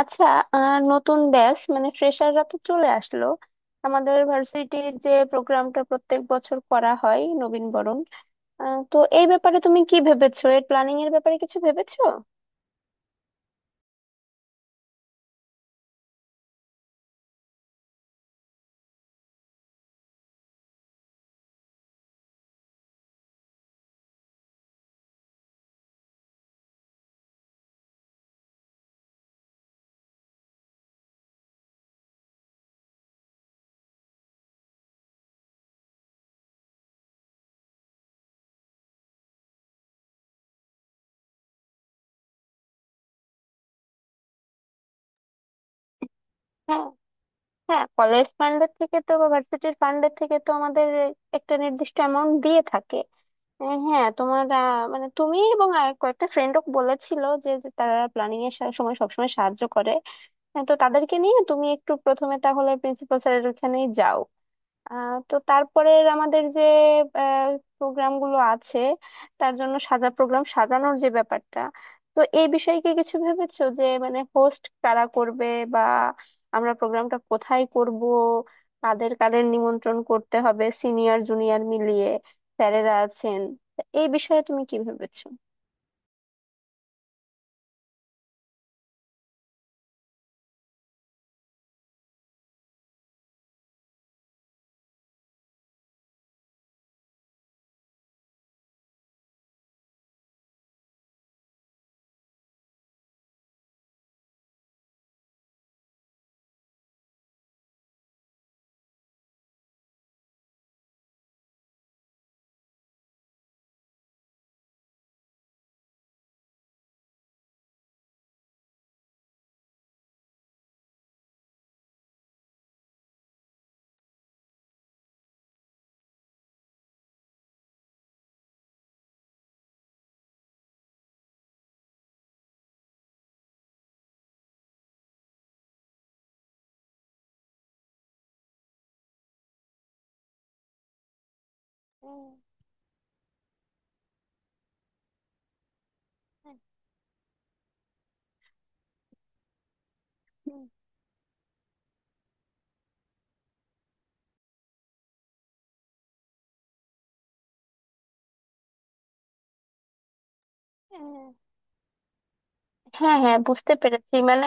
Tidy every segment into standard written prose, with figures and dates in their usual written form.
আচ্ছা। নতুন ব্যাচ মানে ফ্রেশাররা তো চলে আসলো। আমাদের ভার্সিটির যে প্রোগ্রামটা প্রত্যেক বছর করা হয়, নবীনবরণ। তো এই ব্যাপারে তুমি কি ভেবেছো? এর প্ল্যানিং এর ব্যাপারে কিছু ভেবেছো? হ্যাঁ, হ্যাঁ, কলেজ ফান্ডের থেকে তো বা ভার্সিটির ফান্ডের থেকে তো আমাদের একটা নির্দিষ্ট অ্যামাউন্ট দিয়ে থাকে। হ্যাঁ, তোমার মানে তুমি এবং আর কয়েকটা ফ্রেন্ডও বলেছিল যে যে তারা প্ল্যানিং এর সময় সবসময় সাহায্য করে। হ্যাঁ, তো তাদেরকে নিয়ে তুমি একটু প্রথমে তাহলে প্রিন্সিপাল স্যারের ওখানেই যাও। তো তারপরে আমাদের যে প্রোগ্রাম গুলো আছে তার জন্য প্রোগ্রাম সাজানোর যে ব্যাপারটা, তো এই বিষয়ে কি কিছু ভেবেছো? যে মানে হোস্ট কারা করবে, বা আমরা প্রোগ্রামটা কোথায় করব, কাদের কাদের নিমন্ত্রণ করতে হবে সিনিয়র জুনিয়র মিলিয়ে, স্যারেরা আছেন, তা এই বিষয়ে তুমি কি ভেবেছো? হ্যাঁ, হ্যাঁ, বুঝতে পেরেছি। মানে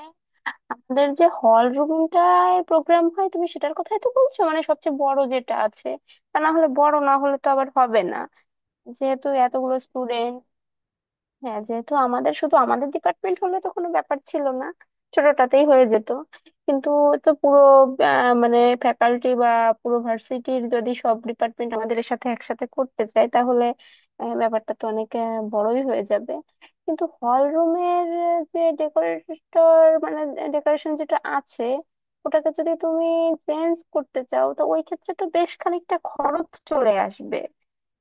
আমাদের যে হল রুমটায় প্রোগ্রাম হয় তুমি সেটার কথাই তো বলছো, মানে সবচেয়ে বড় যেটা আছে। তা না হলে, বড় না হলে তো আবার হবে না, যেহেতু এতগুলো স্টুডেন্ট। হ্যাঁ, যেহেতু আমাদের শুধু আমাদের ডিপার্টমেন্ট হলে তো কোনো ব্যাপার ছিল না, ছোটটাতেই হয়ে যেত, কিন্তু তো পুরো মানে ফ্যাকাল্টি বা পুরো ভার্সিটির যদি সব ডিপার্টমেন্ট আমাদের এর সাথে একসাথে করতে চায় তাহলে ব্যাপারটা তো অনেক বড়ই হয়ে যাবে। কিন্তু হল রুমের যে ডেকোরেটর মানে ডেকোরেশন যেটা আছে, ওটাকে যদি তুমি চেঞ্জ করতে চাও তো ওই ক্ষেত্রে তো বেশ খানিকটা খরচ চলে আসবে।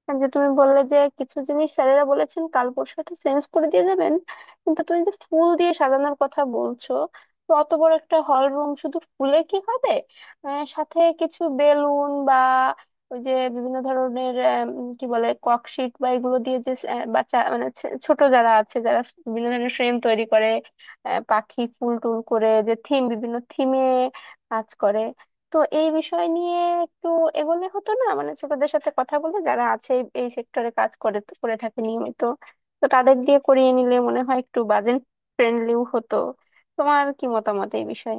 আর যে তুমি বললে যে কিছু জিনিস স্যারেরা বলেছেন কাল পরশু হয়তো চেঞ্জ করে দিয়ে যাবেন, কিন্তু তুমি যে ফুল দিয়ে সাজানোর কথা বলছো, তো অত বড় একটা হল রুম শুধু ফুলে কি হবে? সাথে কিছু বেলুন, বা ওই যে বিভিন্ন ধরনের কি বলে, ককশিট বা এগুলো দিয়ে যে বাচ্চা মানে ছোট যারা আছে, যারা বিভিন্ন ধরনের ফ্রেম তৈরি করে, পাখি ফুল টুল করে, যে থিম, বিভিন্ন থিমে কাজ করে, তো এই বিষয় নিয়ে একটু এগোলে হতো না? মানে ছোটদের সাথে কথা বলে, যারা আছে এই এই সেক্টরে কাজ করে করে থাকে নিয়মিত, তো তাদের দিয়ে করিয়ে নিলে মনে হয় একটু বাজেট ফ্রেন্ডলিও হতো। তোমার কি মতামত এই বিষয়ে?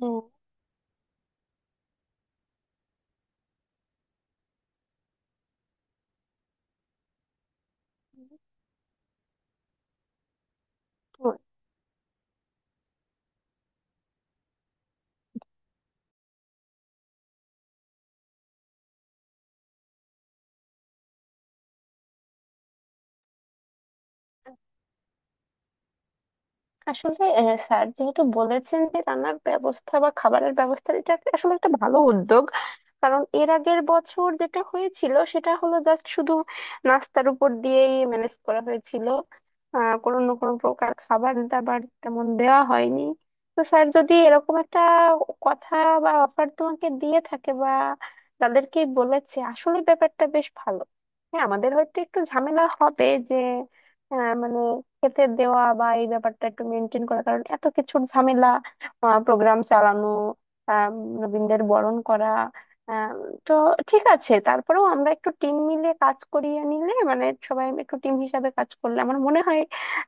হ্যাঁ, তো আসলে স্যার যেহেতু বলেছেন যে রান্নার ব্যবস্থা বা খাবারের ব্যবস্থা, এটা আসলে একটা ভালো উদ্যোগ। কারণ এর আগের বছর যেটা হয়েছিল সেটা হলো জাস্ট শুধু নাস্তার উপর দিয়েই ম্যানেজ করা হয়েছিল। কোনো না কোনো প্রকার খাবার দাবার তেমন দেওয়া হয়নি। তো স্যার যদি এরকম একটা কথা বা অফার তোমাকে দিয়ে থাকে বা তাদেরকে বলেছে, আসলে ব্যাপারটা বেশ ভালো। হ্যাঁ, আমাদের হয়তো একটু ঝামেলা হবে যে মানে খেতে দেওয়া বা এই ব্যাপারটা একটু মেনটেন করা, কারণ এত কিছুর ঝামেলা, প্রোগ্রাম চালানো, আহ, নবীনদের বরণ করা, আম, তো ঠিক আছে, তারপরেও আমরা একটু টিম মিলে কাজ করিয়ে নিলে মানে সবাই একটু টিম হিসাবে কাজ করলে আমার মনে হয়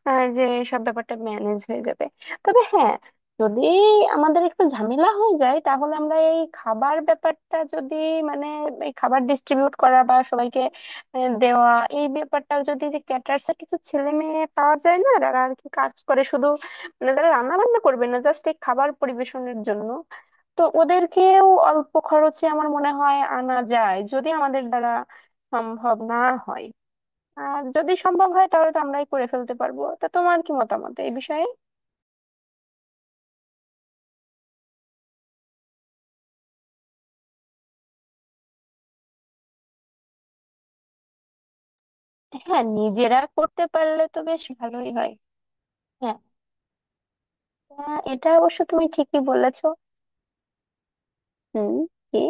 যে সব ব্যাপারটা ম্যানেজ হয়ে যাবে। তবে হ্যাঁ, যদি আমাদের একটু ঝামেলা হয়ে যায় তাহলে আমরা এই খাবার ব্যাপারটা যদি, মানে এই খাবার ডিস্ট্রিবিউট করা বা সবাইকে দেওয়া, এই ব্যাপারটা যদি, যে ক্যাটার্স এর কিছু ছেলে মেয়ে পাওয়া যায় না যারা আর কি কাজ করে শুধু, মানে তারা রান্না বান্না করবে না, জাস্ট এই খাবার পরিবেশনের জন্য, তো ওদেরকেও অল্প খরচে আমার মনে হয় আনা যায় যদি আমাদের দ্বারা সম্ভব না হয়। আর যদি সম্ভব হয় তাহলে তো আমরাই করে ফেলতে পারবো। তা তোমার কি মতামত এই বিষয়ে? হ্যাঁ, নিজেরা করতে পারলে তো বেশ ভালোই হয়। হ্যাঁ, এটা অবশ্য তুমি ঠিকই বলেছো। হুম। কি?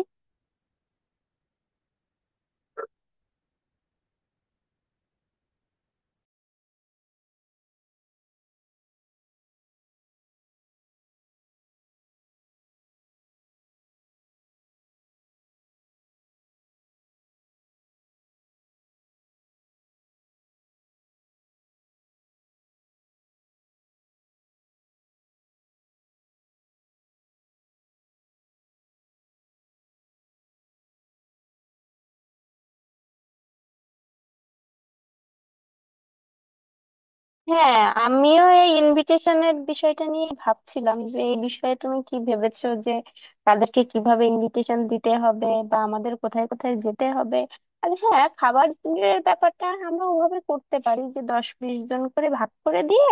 হ্যাঁ, আমিও এই ইনভিটেশনের বিষয়টা নিয়ে ভাবছিলাম, যে এই বিষয়ে তুমি কি ভেবেছো, যে তাদেরকে কিভাবে ইনভিটেশন দিতে হবে বা আমাদের কোথায় কোথায় যেতে হবে। আর হ্যাঁ, খাবারের ব্যাপারটা আমরা ওভাবে করতে পারি যে দশ বিশ জন করে ভাগ করে দিয়ে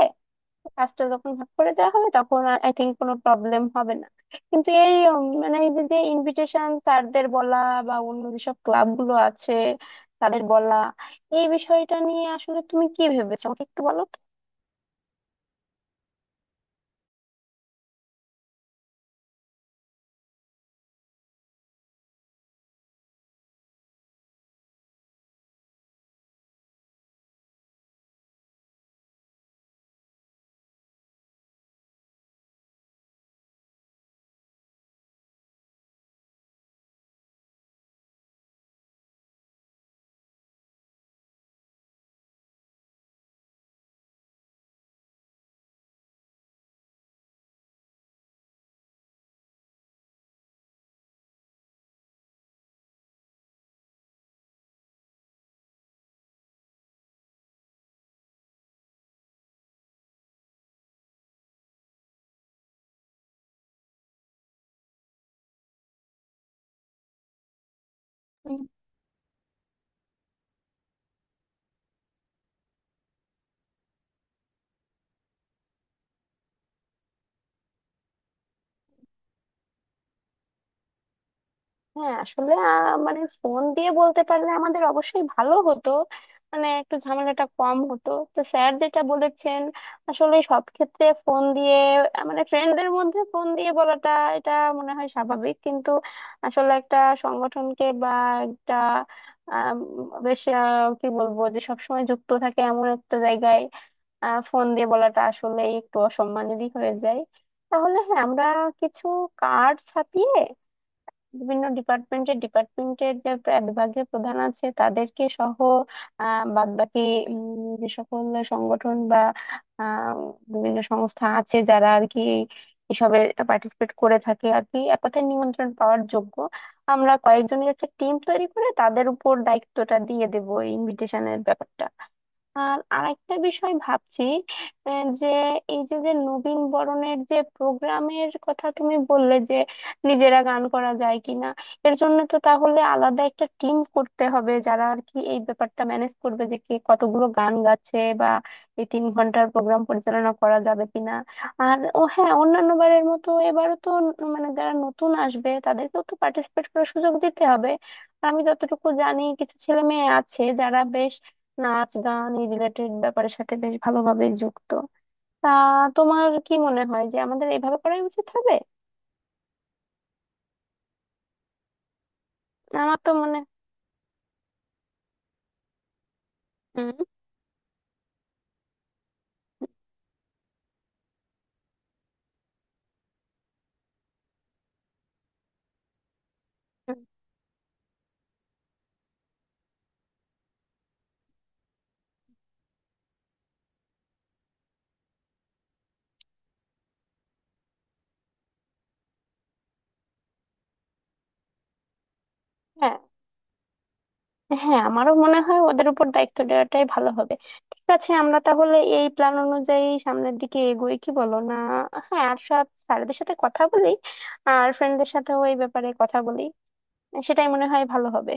কাজটা যখন ভাগ করে দেওয়া হবে তখন আই থিঙ্ক কোনো প্রবলেম হবে না। কিন্তু এই মানে এই যে যে ইনভিটেশন স্যারদের বলা বা অন্য যেসব ক্লাবগুলো আছে তাদের বলা, এই বিষয়টা নিয়ে আসলে তুমি কি ভেবেছো আমাকে একটু বলো তো। হ্যাঁ, আসলে মানে ফোন দিয়ে বলতে পারলে আমাদের অবশ্যই ভালো হতো, মানে একটু ঝামেলাটা কম হতো। তো স্যার যেটা বলেছেন, আসলে সব ক্ষেত্রে ফোন দিয়ে মানে ফ্রেন্ডদের মধ্যে ফোন দিয়ে বলাটা এটা মনে হয় স্বাভাবিক, কিন্তু আসলে একটা সংগঠনকে বা একটা আম, বেশ কি বলবো, যে সবসময় যুক্ত থাকে এমন একটা জায়গায় ফোন দিয়ে বলাটা আসলে একটু অসম্মানেরই হয়ে যায়। তাহলে হ্যাঁ, আমরা কিছু কার্ড ছাপিয়ে বিভিন্ন ডিপার্টমেন্টের ডিপার্টমেন্টের যে বিভাগীয় প্রধান আছে তাদেরকে সহ, বাদ বাকি যে সকল সংগঠন বা আহ, বিভিন্ন সংস্থা আছে যারা আর কি এসবে পার্টিসিপেট করে থাকে আর কি, এক কথায় নিমন্ত্রণ পাওয়ার যোগ্য, আমরা কয়েকজনের একটা টিম তৈরি করে তাদের উপর দায়িত্বটা দিয়ে দেবো এই ইনভিটেশনের ব্যাপারটা। আর আরেকটা বিষয় ভাবছি, যে এই যে যে নবীন বরণের যে প্রোগ্রামের কথা তুমি বললে, যে নিজেরা গান করা যায় কিনা, এর জন্য তো তাহলে আলাদা একটা টিম করতে হবে যারা আর কি এই ব্যাপারটা ম্যানেজ করবে, যে কে কতগুলো গান গাচ্ছে বা এই 3 ঘন্টার প্রোগ্রাম পরিচালনা করা যাবে কিনা। আর ও হ্যাঁ, অন্যান্য বারের মতো এবারও তো মানে যারা নতুন আসবে তাদেরকেও তো পার্টিসিপেট করার সুযোগ দিতে হবে। আমি যতটুকু জানি কিছু ছেলে মেয়ে আছে যারা বেশ নাচ গান এই রিলেটেড ব্যাপারের সাথে বেশ ভালোভাবে যুক্ত। তা তোমার কি মনে হয় যে আমাদের এভাবে করাই উচিত হবে? আমার তো মনে। হুম, হুম। হ্যাঁ, হ্যাঁ, আমারও মনে হয় ওদের উপর দায়িত্ব দেওয়াটাই ভালো হবে। ঠিক আছে, আমরা তাহলে এই প্ল্যান অনুযায়ী সামনের দিকে এগোই, কি বলো না? হ্যাঁ, আর সব স্যারদের সাথে কথা বলি আর ফ্রেন্ডদের সাথেও এই ব্যাপারে কথা বলি, সেটাই মনে হয় ভালো হবে।